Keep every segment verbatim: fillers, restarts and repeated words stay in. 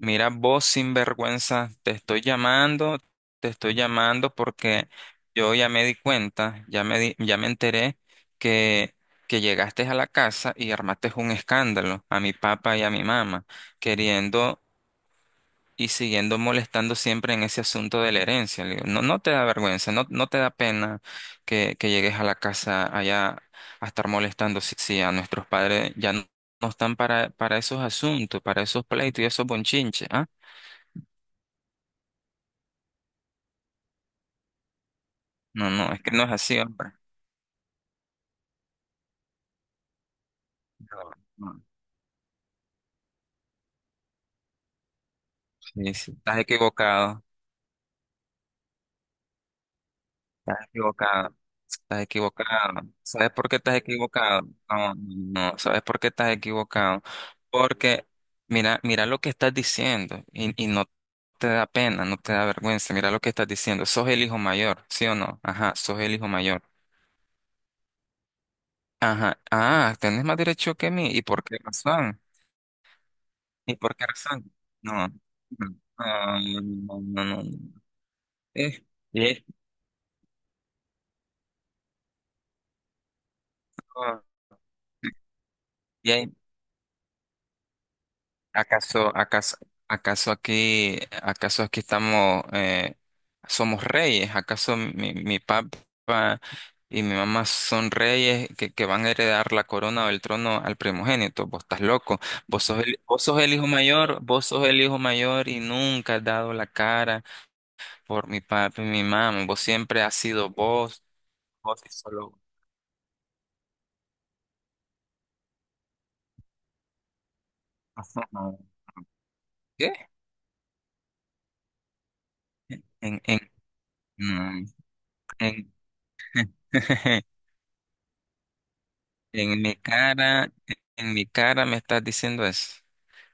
Mira, vos sinvergüenza, te estoy llamando, te estoy llamando porque yo ya me di cuenta, ya me di- ya me enteré que, que llegaste a la casa y armaste un escándalo a mi papá y a mi mamá, queriendo y siguiendo molestando siempre en ese asunto de la herencia. Le digo, no, no te da vergüenza, no, no te da pena que, que llegues a la casa allá a estar molestando si, si a nuestros padres ya no, no están para, para esos asuntos, para esos pleitos y esos bonchinches, ¿ah? No, no, es que no es así, hombre. No, no, sí, sí, estás equivocado, estás equivocado, estás equivocado. ¿Sabes por qué estás equivocado? No, no, no, ¿sabes por qué estás equivocado? Porque mira, mira lo que estás diciendo y, y no te da pena, no te da vergüenza. Mira lo que estás diciendo. Sos el hijo mayor, ¿sí o no? Ajá, sos el hijo mayor. Ajá, ah, tenés más derecho que mí. ¿Y por qué razón? ¿Y por qué razón? No, no, no, no, no, no, no, no. Es, es- Y ahí, ¿acaso, acaso, acaso aquí, acaso aquí estamos, eh, somos reyes? ¿Acaso mi, mi papá y mi mamá son reyes que, que van a heredar la corona o el trono al primogénito? Vos estás loco. Vos sos el, vos sos el hijo mayor, vos sos el hijo mayor y nunca has dado la cara por mi papá y mi mamá. Vos siempre has sido vos, vos y solo vos. ¿Qué? En, en, mm, en, En mi cara, en mi cara me estás diciendo eso.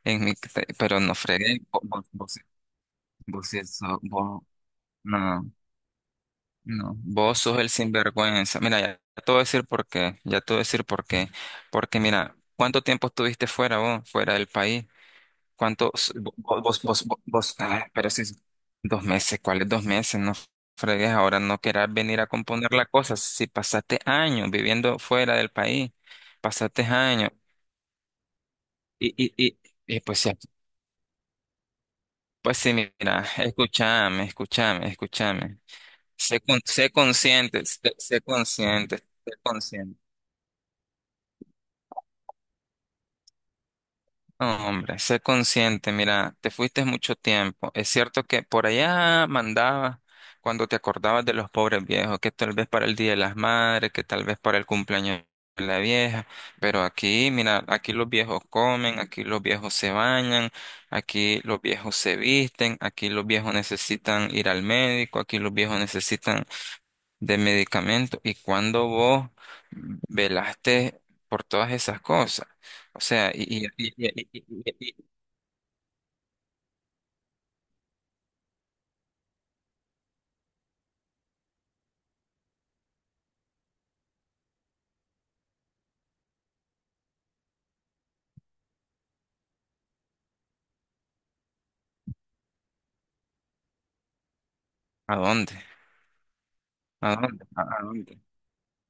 En mi, ca- pero no fregué. Vos, vos, vos, vos sí sos- vos- no, no. Vos sos el sinvergüenza. Mira, ya te voy a decir por qué. Ya te voy a decir por qué. Porque mira, ¿cuánto tiempo estuviste fuera vos, fuera del país? ¿Cuánto? s- Vos, vos, vos, vos, vos- ah, pero sí, dos meses. ¿Cuáles dos meses? No fregues. Ahora no querás venir a componer la cosa. Si pasaste años viviendo fuera del país, pasaste años. Y, y, y, y pues sí, pues sí, mira, escúchame, escúchame, escúchame. Sé, con, sé consciente, sé, sé consciente, sé consciente. No, hombre, sé consciente, mira, te fuiste mucho tiempo. Es cierto que por allá mandabas cuando te acordabas de los pobres viejos, que tal vez para el Día de las Madres, que tal vez para el cumpleaños de la vieja, pero aquí, mira, aquí los viejos comen, aquí los viejos se bañan, aquí los viejos se visten, aquí los viejos necesitan ir al médico, aquí los viejos necesitan de medicamentos y cuando vos velaste por todas esas cosas. O sea, y, y- y- y- y- y- y- ¿a dónde? ¿A dónde? ¿A a dónde?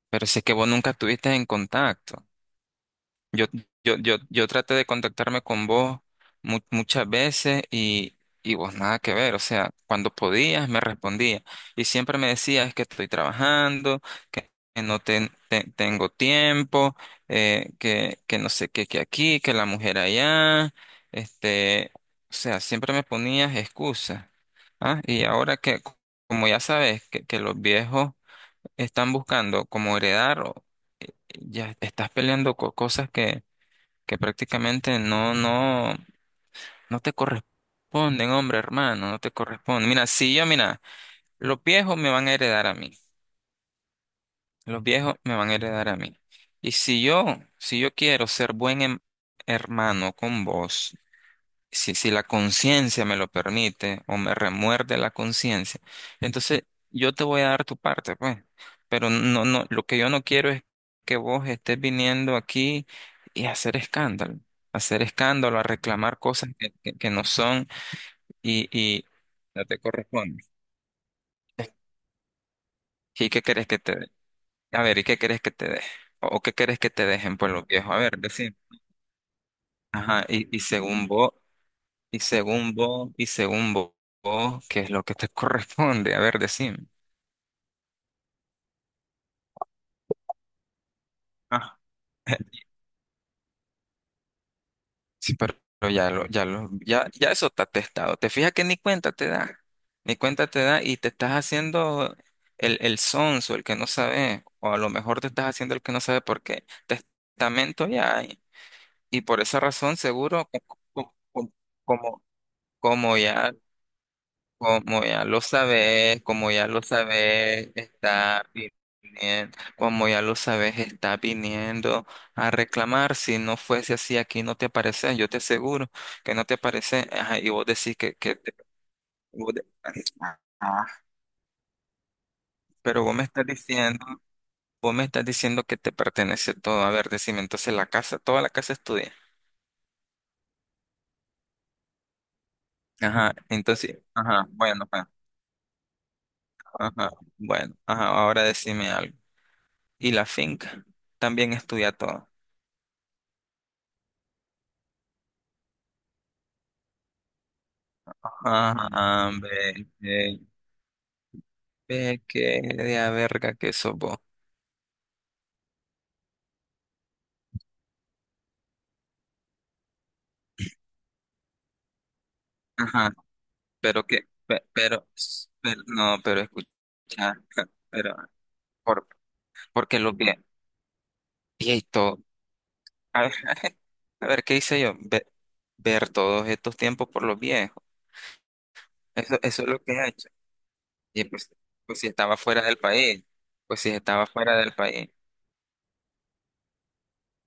Pero si es que vos nunca estuviste en contacto. Yo, yo, yo, yo traté de contactarme con vos mu- muchas veces y, y vos nada que ver, o sea, cuando podías me respondías y siempre me decías "Es que estoy trabajando, que que no ten- te- tengo tiempo, eh, que, que no sé qué, que aquí, que la mujer allá, este, o sea, siempre me ponías excusas. ¿Ah? Y ahora que, co- como ya sabes, que, que los viejos están buscando como heredar, o- ya estás peleando con cosas que prácticamente no, no, no te corresponden, hombre, hermano, no te corresponden. Mira, si yo, mira, los viejos me van a heredar a mí, los viejos me van a heredar a mí. Y si yo, si yo quiero ser buen em- hermano con vos, si, si la conciencia me lo permite o me remuerde la conciencia, entonces yo te voy a dar tu parte, pues. Pero no, no, lo que yo no quiero es que vos estés viniendo aquí y hacer escándalo, hacer escándalo, a reclamar cosas que, que, que no son y, y no te corresponden. ¿Y qué querés que te dé? A ver, ¿y qué querés que te dé? ¿O o qué querés que te dejen, pues, los viejos? A ver, decir. Ajá, y, y según vos. Y según vos, y según vo- vos, ¿qué es lo que te corresponde? A ver, decime. Ah. Sí, pero, pero ya lo, ya lo, ya, ya eso está testado. Te fijas que ni cuenta te da. Ni cuenta te da y te estás haciendo el, el sonso, el que no sabe. O a lo mejor te estás haciendo el que no sabe porque testamento ya hay. Y por esa razón, seguro, co- co- co- como, como ya Como ya lo sabes, como ya lo sabes, está viniendo, como ya lo sabes, está viniendo a reclamar. Si no fuese así, aquí no te aparece, yo te aseguro que no te aparece. Ajá, y vos decís que, que te- vos de- Ah, pero vos me estás diciendo, vos me estás diciendo que te pertenece todo. A ver, decime, entonces la casa, toda la casa es tuya. Ajá, entonces, ajá, bueno, pues, ajá, bueno, ajá, ahora decime algo. ¿Y la finca? También es tuya toda. Ajá, ve, ve, ve que de a verga que sos vos. Ajá, pero que, pe- pero, s- pero- no, pero escucha, pero, por, porque lo que, y esto, a ver, a ver, ¿qué hice yo? Ve- ver todos estos tiempos por los viejos, eso, eso es lo que he hecho. Y pues, pues si estaba fuera del país, pues si estaba fuera del país,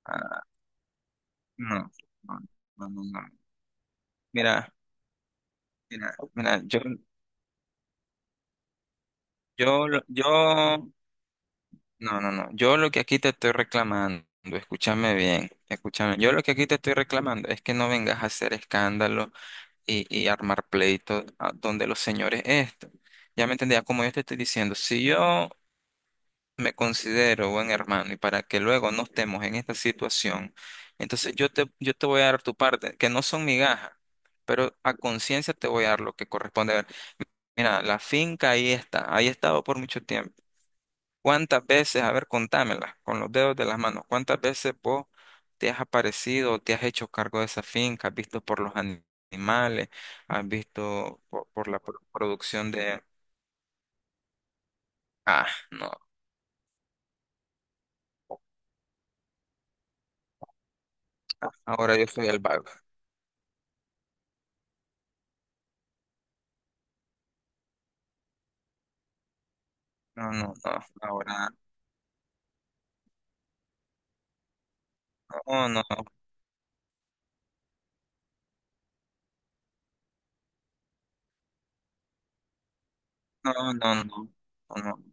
ah, no, no, no, no, no. Mira, mira, mira, yo, yo, lo- yo No, no, no. Yo lo que aquí te estoy reclamando, escúchame bien, escúchame. Yo lo que aquí te estoy reclamando es que no vengas a hacer escándalo y, y armar pleitos a donde los señores esto. Ya me entendía, como yo te estoy diciendo, si yo me considero buen hermano y para que luego no estemos en esta situación, entonces yo te, yo te voy a dar tu parte, que no son migajas, pero a conciencia te voy a dar lo que corresponde. A ver, mira, la finca ahí está, ahí ha estado por mucho tiempo. ¿Cuántas veces, a ver, contámela con los dedos de las manos, cuántas veces vos te has aparecido, o te has hecho cargo de esa finca, has visto por los ani- animales, has visto por, por la pro- producción de... Ah, no, ahora yo soy el vago. No, no, no, ahora, no, no, no, no, no, no, no,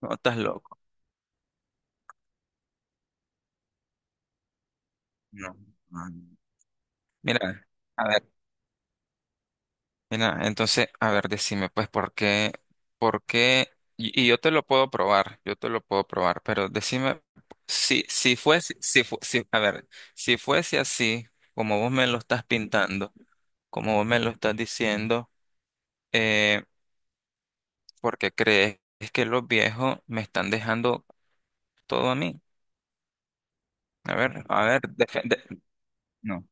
no, estás loco. No, no. Mira, a ver. Mira, entonces, a ver, decime, pues, ¿por qué? ¿Por qué? Y, y yo te lo puedo probar, yo te lo puedo probar, pero decime, si, si fuese, si, fu- si- a ver, si fuese así, como vos me lo estás pintando, como vos me lo estás diciendo, eh, ¿por qué crees que los viejos me están dejando todo a mí? A ver, a ver, defe- de- no,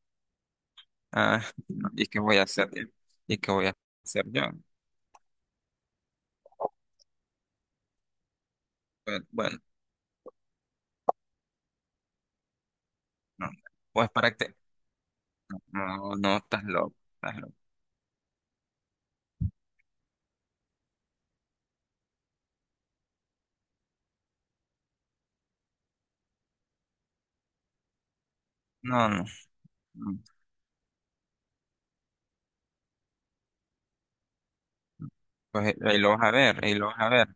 ah, no, ¿y qué voy a hacer yo? ¿Y qué voy a hacer yo? Pues, bueno, no, pues para que, te... no, no, estás loco. Estás loco. No, no, no. Pues ahí ahí lo vas a ver, ahí lo vas a ver.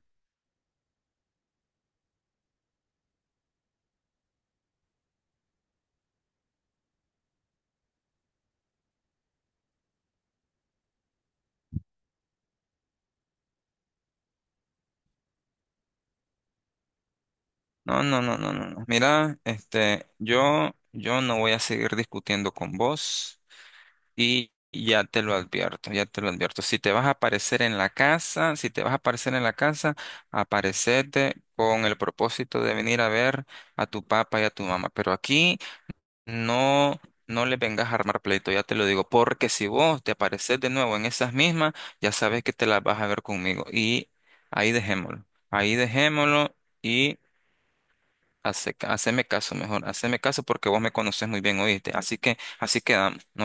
No, no, no, no, no, no. Mira, este, yo, yo no voy a seguir discutiendo con vos y ya te lo advierto, ya te lo advierto. Si te vas a aparecer en la casa, si te vas a aparecer en la casa, aparecete con el propósito de venir a ver a tu papá y a tu mamá. Pero aquí No, no le vengas a armar pleito, ya te lo digo, porque si vos te apareces de nuevo en esas mismas, ya sabes que te las vas a ver conmigo. Y ahí dejémoslo, ahí dejémoslo y hace, haceme caso mejor, haceme caso porque vos me conoces muy bien, oíste. Así que así quedamos. Nos